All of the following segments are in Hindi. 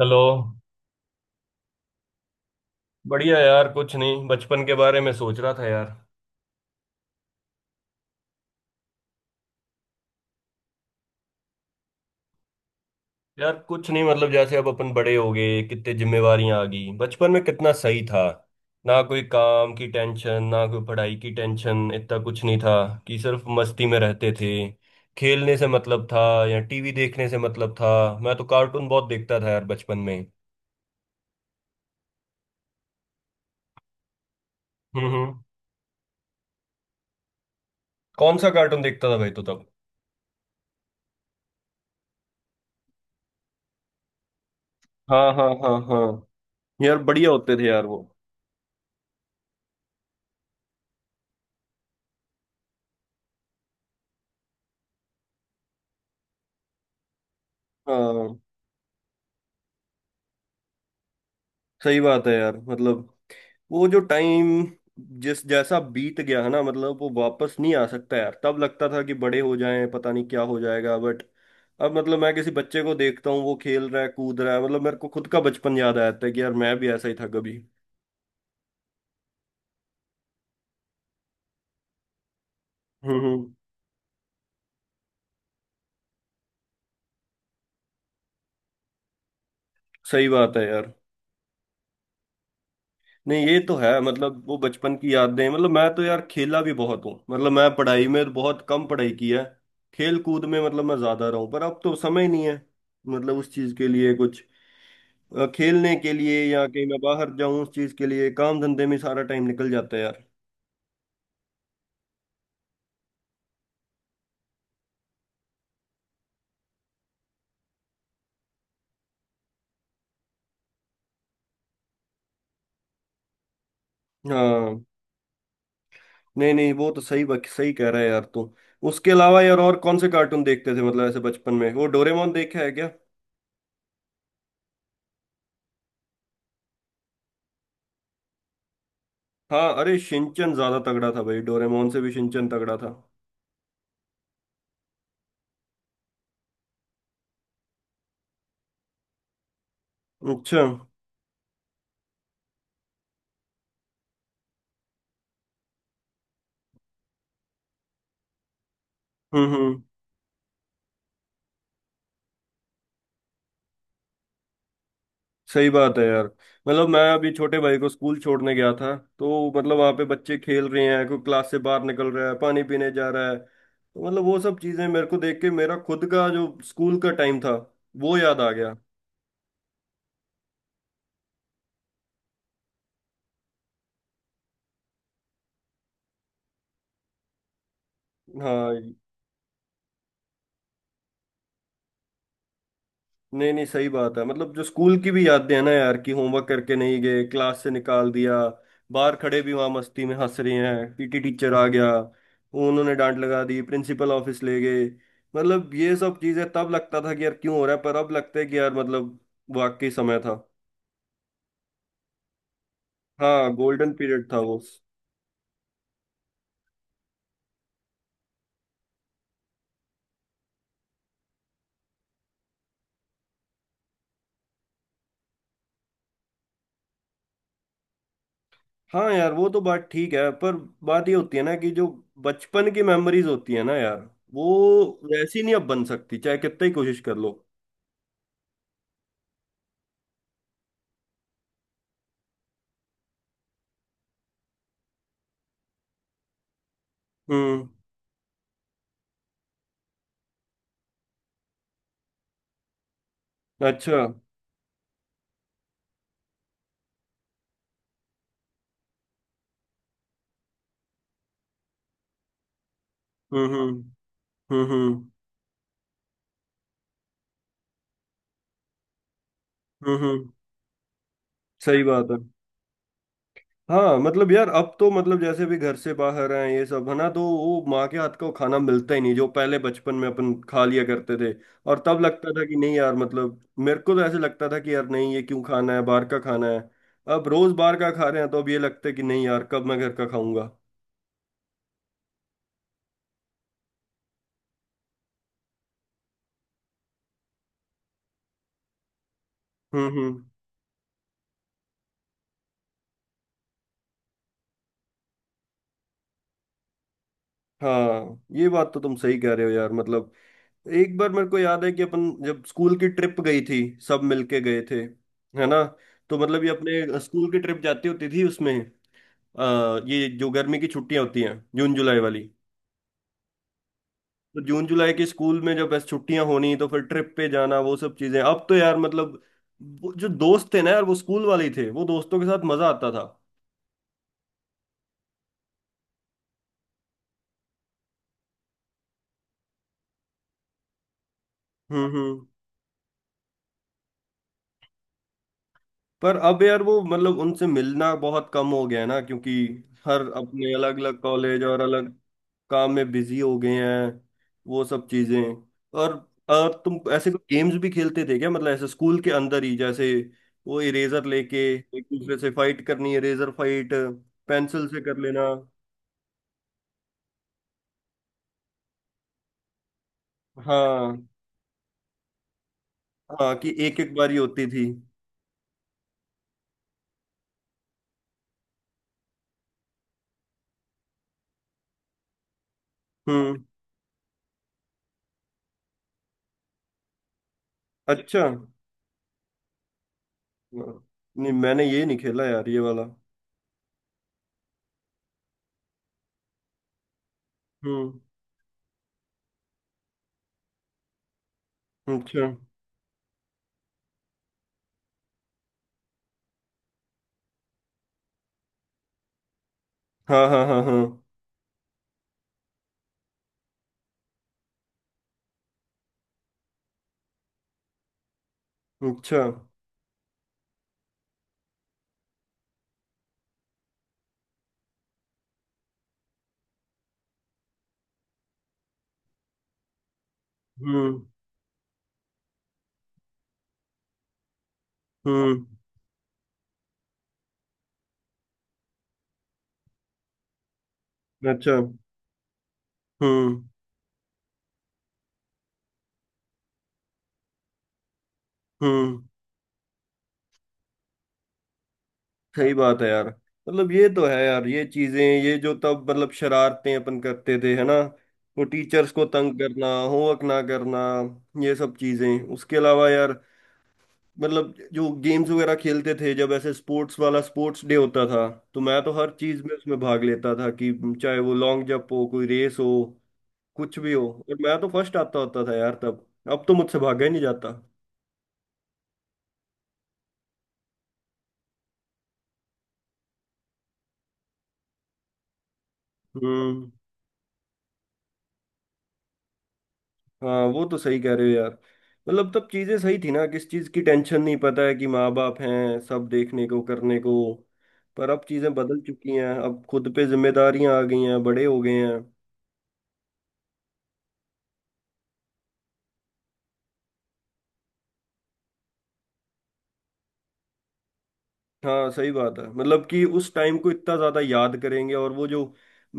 हेलो। बढ़िया यार, कुछ नहीं, बचपन के बारे में सोच रहा था यार। यार कुछ नहीं, मतलब जैसे अब अपन बड़े हो गए, कितने जिम्मेवारियां आ गई। बचपन में कितना सही था। ना कोई काम की टेंशन, ना कोई पढ़ाई की टेंशन, इतना कुछ नहीं था। कि सिर्फ मस्ती में रहते थे। खेलने से मतलब था या टीवी देखने से मतलब था। मैं तो कार्टून बहुत देखता था यार बचपन में। हम्म, हम्म। कौन सा कार्टून देखता था भाई तो तब? हाँ हाँ हाँ हाँ। यार बढ़िया होते थे यार वो। हाँ, सही बात है यार मतलब। वो जो टाइम जिस जैसा बीत गया है ना, मतलब वो वापस नहीं आ सकता यार। तब लगता था कि बड़े हो जाएं पता नहीं क्या हो जाएगा, बट अब मतलब मैं किसी बच्चे को देखता हूँ, वो खेल रहा है कूद रहा है, मतलब मेरे को खुद का बचपन याद आ जाता है कि यार मैं भी ऐसा ही था कभी। हम्म, सही बात है यार। नहीं, ये तो है, मतलब वो बचपन की यादें, मतलब मैं तो यार खेला भी बहुत हूँ, मतलब मैं पढ़ाई में बहुत कम पढ़ाई की है। खेल कूद में मतलब मैं ज्यादा रहा हूँ, पर अब तो समय नहीं है। मतलब उस चीज के लिए कुछ खेलने के लिए या कहीं मैं बाहर जाऊं उस चीज के लिए, काम धंधे में सारा टाइम निकल जाता है यार। हाँ। नहीं नहीं, वो तो सही बात, सही कह रहा है यार तू। उसके अलावा यार और कौन से कार्टून देखते थे, मतलब ऐसे बचपन में? वो डोरेमोन देखा है क्या? हाँ, अरे शिनचैन ज्यादा तगड़ा था भाई। डोरेमोन से भी शिनचैन तगड़ा था। अच्छा। हम्म, हम्म। सही बात है यार। मतलब मैं अभी छोटे भाई को स्कूल छोड़ने गया था, तो मतलब वहाँ पे बच्चे खेल रहे हैं, कोई क्लास से बाहर निकल रहा है, पानी पीने जा रहा है, तो मतलब वो सब चीजें मेरे को देख के मेरा खुद का जो स्कूल का टाइम था वो याद आ गया। हाँ। नहीं नहीं, सही बात है। मतलब जो स्कूल की भी यादें हैं ना यार, कि होमवर्क करके नहीं गए, क्लास से निकाल दिया, बाहर खड़े भी वहां मस्ती में हंस रहे हैं, पीटी टीचर आ गया, उन्होंने डांट लगा दी, प्रिंसिपल ऑफिस ले गए। मतलब ये सब चीजें तब लगता था कि यार क्यों हो रहा है, पर अब लगता है कि यार मतलब वाकई समय था। हाँ, गोल्डन पीरियड था वो। हाँ यार, वो तो बात ठीक है, पर बात ये होती है ना, कि जो बचपन की मेमोरीज होती है ना यार, वो वैसी नहीं अब बन सकती, चाहे कितना ही कोशिश कर लो। हम्म। अच्छा। हम्म, हम्म, हम्म, हम्म, सही बात है। हाँ मतलब यार, अब तो मतलब जैसे भी घर से बाहर आए ये सब है ना, तो वो माँ के हाथ का वो खाना मिलता ही नहीं जो पहले बचपन में अपन खा लिया करते थे। और तब लगता था कि नहीं यार, मतलब मेरे को तो ऐसे लगता था कि यार नहीं, ये क्यों खाना है, बाहर का खाना है। अब रोज बाहर का खा रहे हैं, तो अब ये लगता है कि नहीं यार, कब मैं घर का खाऊंगा। हम्म, हम्म। हाँ, ये बात तो तुम सही कह रहे हो यार। मतलब एक बार मेरे को याद है कि अपन जब स्कूल की ट्रिप गई थी, सब मिलके गए थे, है ना? तो मतलब ये अपने स्कूल की ट्रिप जाती होती थी, उसमें ये जो गर्मी की छुट्टियां होती हैं, जून जुलाई वाली। तो जून जुलाई के स्कूल में जब बस छुट्टियां होनी तो फिर ट्रिप पे जाना, वो सब चीजें अब तो यार मतलब। वो जो दोस्त थे ना यार, वो स्कूल वाले ही थे, वो दोस्तों के साथ मजा आता था। हम्म, हम्म। पर अब यार वो, मतलब उनसे मिलना बहुत कम हो गया है ना, क्योंकि हर अपने अलग अलग कॉलेज और अलग काम में बिजी हो गए हैं, वो सब चीजें। और और तुम ऐसे कुछ गेम्स भी खेलते थे क्या, मतलब ऐसे स्कूल के अंदर ही, जैसे वो इरेजर लेके एक दूसरे से फाइट करनी, इरेजर फाइट, पेंसिल से कर लेना। हाँ हाँ, कि एक एक बारी होती थी। हम्म। अच्छा। नहीं मैंने ये नहीं खेला यार, ये वाला। हम्म। अच्छा। हाँ हाँ हाँ हाँ। अच्छा। हम्म, हम्म। अच्छा। हम्म, हम्म। सही बात है यार। मतलब ये तो है यार, ये चीजें, ये जो तब मतलब शरारतें अपन करते थे, है ना? वो टीचर्स को तंग करना, होमवर्क ना करना, ये सब चीजें। उसके अलावा यार, मतलब जो गेम्स वगैरह खेलते थे, जब ऐसे स्पोर्ट्स वाला स्पोर्ट्स डे होता था, तो मैं तो हर चीज में उसमें भाग लेता था, कि चाहे वो लॉन्ग जंप हो, कोई रेस हो, कुछ भी हो, और मैं तो फर्स्ट आता होता था यार तब। अब तो मुझसे भागा ही नहीं जाता। हम्म। हाँ, वो तो सही कह रहे हो यार। मतलब तब चीजें सही थी ना, किस चीज की टेंशन नहीं, पता है कि माँ बाप हैं, सब देखने को करने को। पर अब चीजें बदल चुकी हैं, अब खुद पे जिम्मेदारियां आ गई हैं, बड़े हो गए हैं। हाँ, सही बात है। मतलब कि उस टाइम को इतना ज्यादा याद करेंगे, और वो जो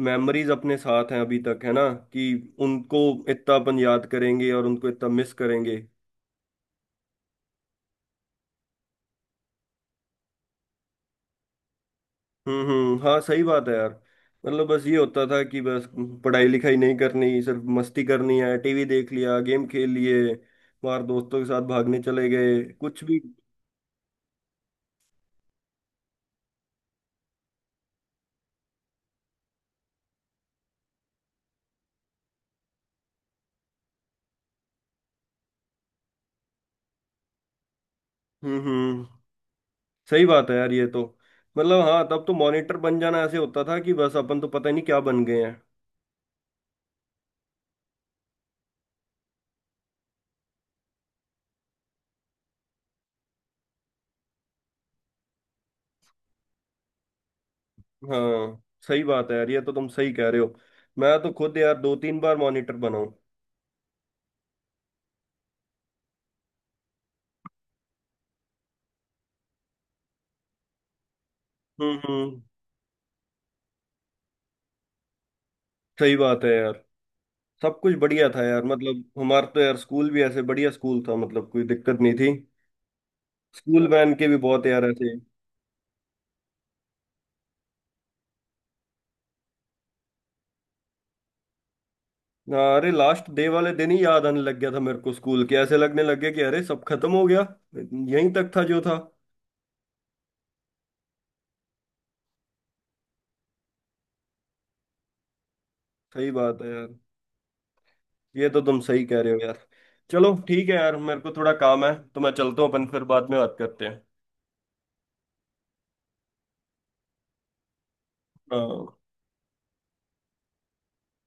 मेमोरीज अपने साथ हैं अभी तक है ना, कि उनको इतना अपन याद करेंगे और उनको इतना मिस करेंगे। हम्म, हम्म। हाँ, सही बात है यार। मतलब बस ये होता था कि बस पढ़ाई लिखाई नहीं करनी, सिर्फ मस्ती करनी है, टीवी देख लिया, गेम खेल लिए, बाहर दोस्तों के साथ भागने चले गए, कुछ भी। हम्म, हम्म। सही बात है यार, ये तो। मतलब हाँ, तब तो मॉनिटर बन जाना ऐसे होता था कि बस अपन तो पता ही नहीं क्या बन गए हैं। हाँ, सही बात है यार, ये तो तुम सही कह रहे हो। मैं तो खुद यार दो तीन बार मॉनिटर बनाऊं। हम्म, हम्म। सही बात है यार। सब कुछ बढ़िया था यार, मतलब हमारा तो यार स्कूल भी ऐसे बढ़िया स्कूल था, मतलब कोई दिक्कत नहीं थी। स्कूल वैन के भी बहुत यार ऐसे। हाँ, अरे लास्ट डे वाले दिन ही याद आने लग गया था मेरे को स्कूल के, ऐसे लगने लग गया कि अरे सब खत्म हो गया, यहीं तक था जो था। सही बात है यार, ये तो तुम सही कह रहे हो यार। चलो ठीक है यार, मेरे को थोड़ा काम है तो मैं चलता हूँ, अपन फिर बाद में बात करते हैं। हाँ।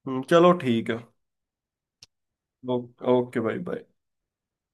चलो ठीक है। ओ- ओके भाई, बाय।